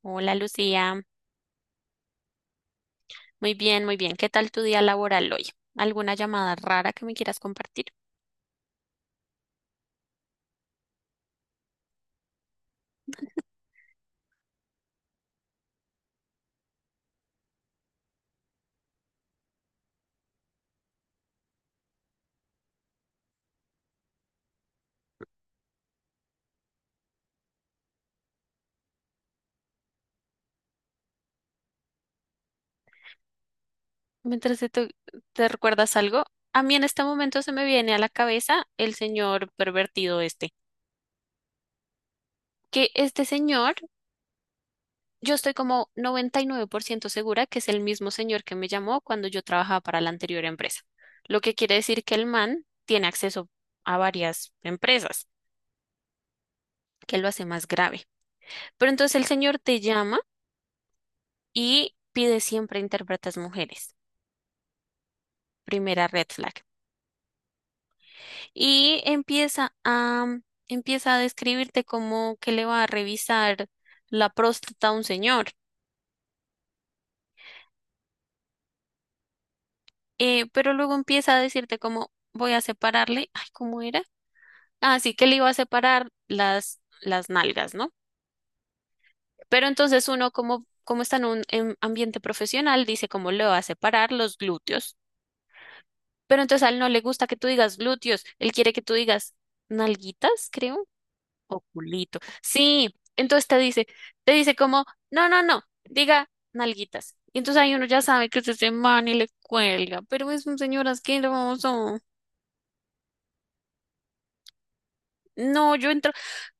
Hola Lucía, muy bien, muy bien. ¿Qué tal tu día laboral hoy? ¿Alguna llamada rara que me quieras compartir? Mientras te recuerdas algo, a mí en este momento se me viene a la cabeza el señor pervertido este. Que este señor, yo estoy como 99% segura que es el mismo señor que me llamó cuando yo trabajaba para la anterior empresa. Lo que quiere decir que el man tiene acceso a varias empresas, que lo hace más grave. Pero entonces el señor te llama y pide siempre intérpretes mujeres. Primera red flag. Y empieza a describirte como que le va a revisar la próstata a un señor. Pero luego empieza a decirte como voy a separarle, ay, ¿cómo era? Así que le iba a separar las nalgas, ¿no? Pero entonces uno como, como está en ambiente profesional, dice como le va a separar los glúteos. Pero entonces a él no le gusta que tú digas glúteos, él quiere que tú digas nalguitas, creo. Oculito. Sí, entonces te dice como, no, no, no, diga nalguitas. Y entonces ahí uno ya sabe que es ese man y le cuelga, pero es un señor asqueroso. No, yo entro,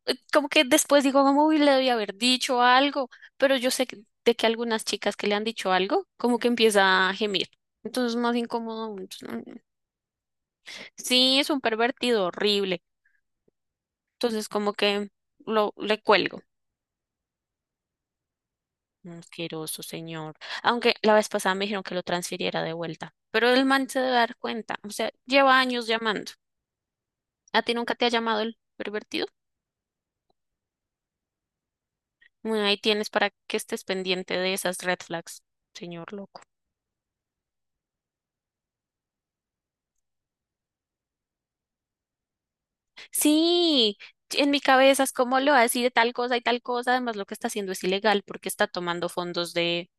como que después digo, como, uy, le debí haber dicho algo, pero yo sé de que algunas chicas que le han dicho algo, como que empieza a gemir. Entonces es más incómodo aún. Entonces, no, no. Sí, es un pervertido horrible. Entonces como que le cuelgo. Asqueroso, señor. Aunque la vez pasada me dijeron que lo transfiriera de vuelta. Pero el man se debe dar cuenta. O sea, lleva años llamando. ¿A ti nunca te ha llamado el pervertido? Bueno, ahí tienes para que estés pendiente de esas red flags, señor loco. Sí, en mi cabeza es como le va a decir tal cosa y tal cosa. Además, lo que está haciendo es ilegal porque está tomando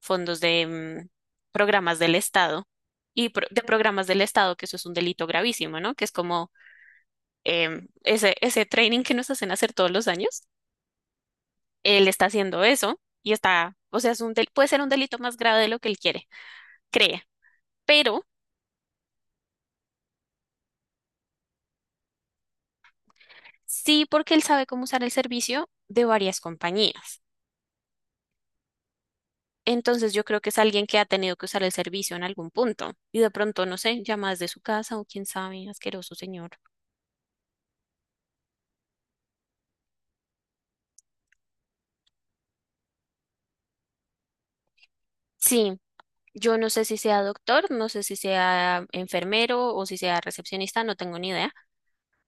fondos de mm, programas del Estado y de programas del Estado, que eso es un delito gravísimo, ¿no? Que es como ese training que nos hacen hacer todos los años, él está haciendo eso y está, o sea, puede ser un delito más grave de lo que él quiere, cree, pero sí porque él sabe cómo usar el servicio de varias compañías. Entonces yo creo que es alguien que ha tenido que usar el servicio en algún punto y de pronto, no sé, llama desde su casa o quién sabe, asqueroso señor. Sí, yo no sé si sea doctor, no sé si sea enfermero o si sea recepcionista, no tengo ni idea,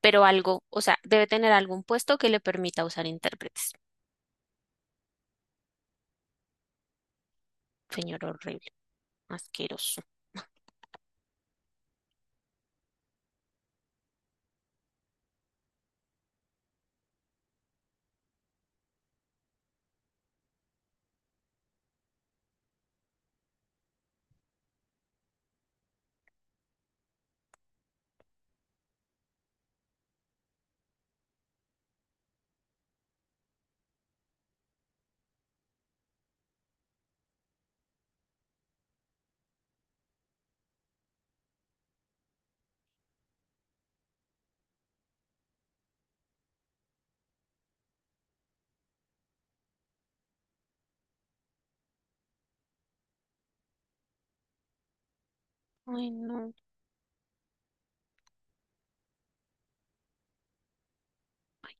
pero algo, o sea, debe tener algún puesto que le permita usar intérpretes. Señor horrible, asqueroso. Ay, no,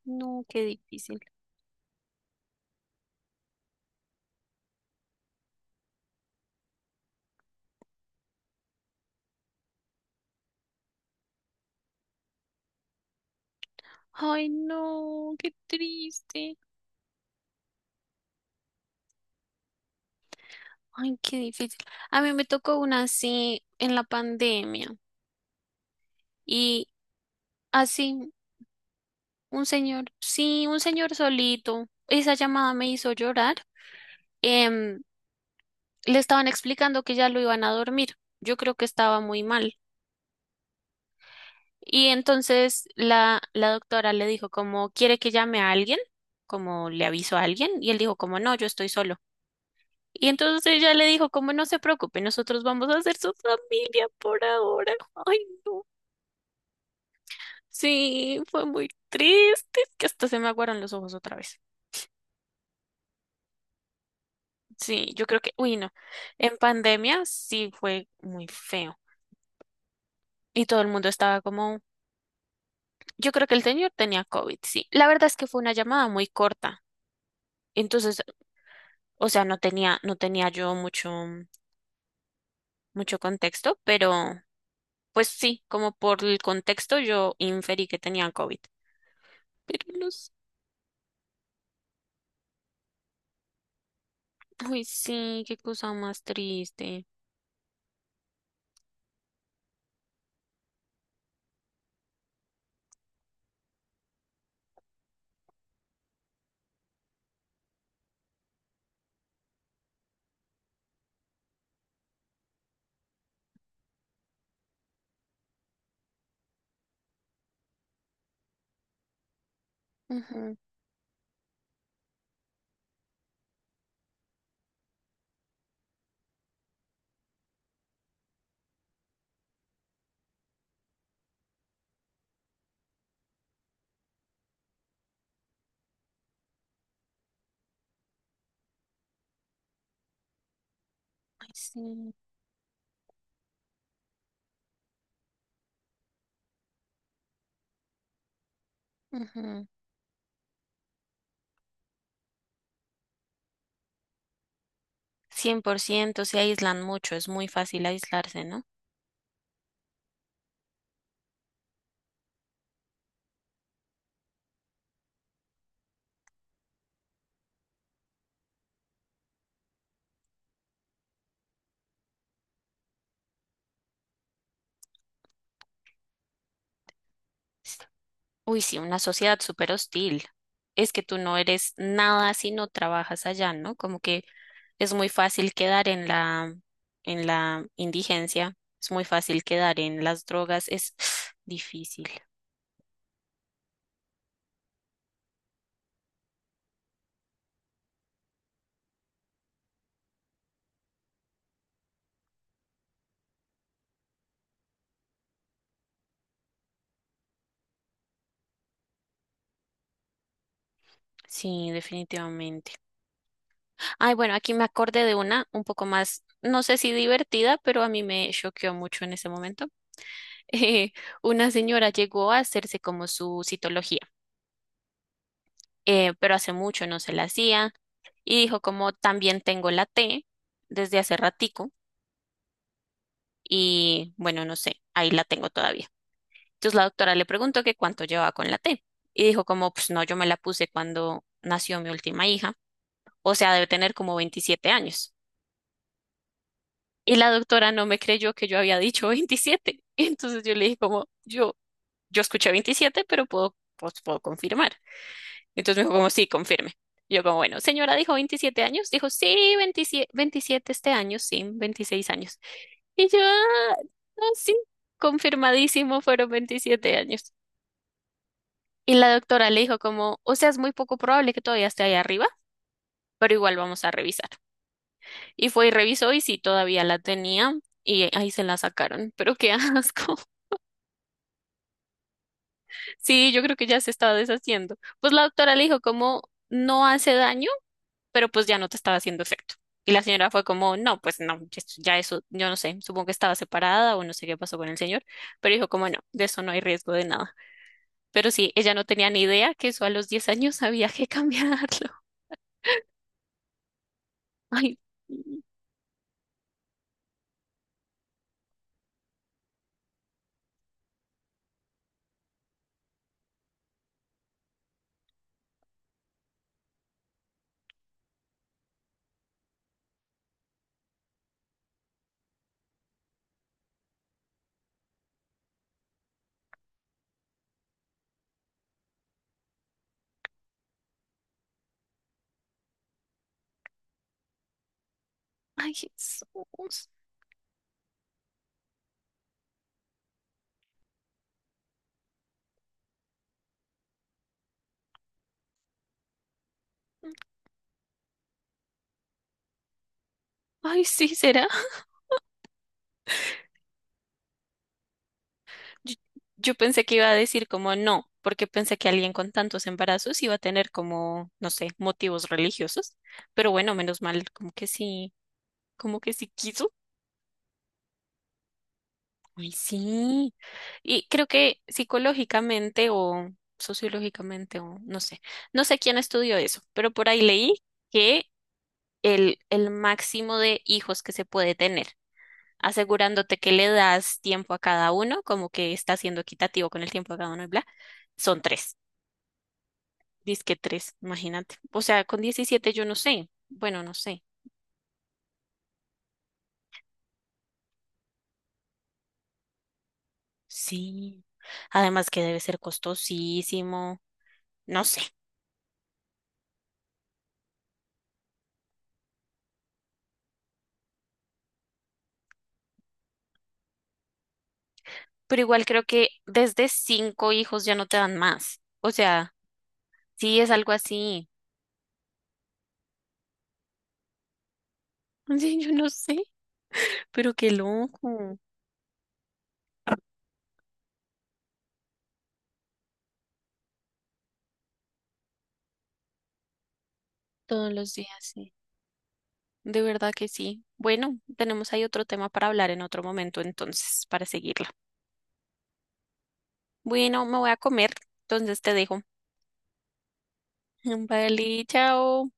no, qué difícil. Ay, no, qué triste. Ay, qué difícil. A mí me tocó una así en la pandemia. Y así, un señor, sí, un señor solito. Esa llamada me hizo llorar. Em, Le estaban explicando que ya lo iban a dormir. Yo creo que estaba muy mal. Y entonces la doctora le dijo como, ¿quiere que llame a alguien? Como le aviso a alguien. Y él dijo como, no, yo estoy solo. Y entonces ella le dijo como, no se preocupe, nosotros vamos a ser su familia por ahora. Ay, no. Sí, fue muy triste. Es que hasta se me aguaron los ojos otra vez. Sí, yo creo que, uy, no. En pandemia sí fue muy feo. Y todo el mundo estaba como, yo creo que el señor tenía COVID, sí. La verdad es que fue una llamada muy corta. Entonces, o sea, no tenía yo mucho, contexto, pero pues sí, como por el contexto yo inferí que tenían COVID. Pero los. Uy, sí, qué cosa más triste. Ujú, ay, sí. Ujú. Cien por ciento se aíslan mucho, es muy fácil aislarse, ¿no? S- Uy, sí, una sociedad súper hostil. Es que tú no eres nada si no trabajas allá, ¿no? Como que es muy fácil quedar en la indigencia, es muy fácil quedar en las drogas, es difícil. Sí, definitivamente. Ay, bueno, aquí me acordé de una un poco más, no sé si divertida, pero a mí me choqueó mucho en ese momento. eh, una señora llegó a hacerse como su citología, pero hace mucho no se la hacía y dijo como también tengo la T desde hace ratico y bueno, no sé, ahí la tengo todavía. Entonces la doctora le preguntó que cuánto llevaba con la T y dijo como pues no, yo me la puse cuando nació mi última hija, o sea, debe tener como 27 años. Y la doctora no me creyó que yo había dicho 27. Entonces yo le dije como yo escuché 27, pero puedo, pues, puedo confirmar. Entonces me dijo como, sí, confirme. Yo como, bueno, señora dijo 27 años, dijo, sí, 27 27 este año, sí, 26 años. Y yo, "Ah, no, sí, confirmadísimo, fueron 27 años". Y la doctora le dijo como, o sea, es muy poco probable que todavía esté ahí arriba, pero igual vamos a revisar. Y fue y revisó y sí, todavía la tenía y ahí se la sacaron. Pero qué asco. Sí, yo creo que ya se estaba deshaciendo. Pues la doctora le dijo como, no hace daño, pero pues ya no te estaba haciendo efecto. Y la señora fue como, no, pues no, ya ya eso, yo no sé, supongo que estaba separada o no sé qué pasó con el señor, pero dijo como, no, de eso no hay riesgo de nada. Pero sí, ella no tenía ni idea que eso a los 10 años había que cambiarlo. Ay, sí, ay, Jesús. Ay, sí, será. Yo, yo pensé que iba a decir como no, porque pensé que alguien con tantos embarazos iba a tener como, no sé, motivos religiosos, pero bueno, menos mal, como que sí quiso. Ay, sí. Y creo que psicológicamente o sociológicamente o no sé, no sé quién estudió eso, pero por ahí leí que el máximo de hijos que se puede tener, asegurándote que le das tiempo a cada uno, como que está siendo equitativo con el tiempo a cada uno y bla, son tres. Dice que tres, imagínate. O sea, con 17 yo no sé. Bueno, no sé. Sí. Además que debe ser costosísimo. No sé. Pero igual creo que desde cinco hijos ya no te dan más. O sea, sí es algo así. Sí, yo no sé, pero qué loco. Todos los días, sí. De verdad que sí. Bueno, tenemos ahí otro tema para hablar en otro momento, entonces, para seguirla. Bueno, me voy a comer, entonces te dejo. Vale, chao.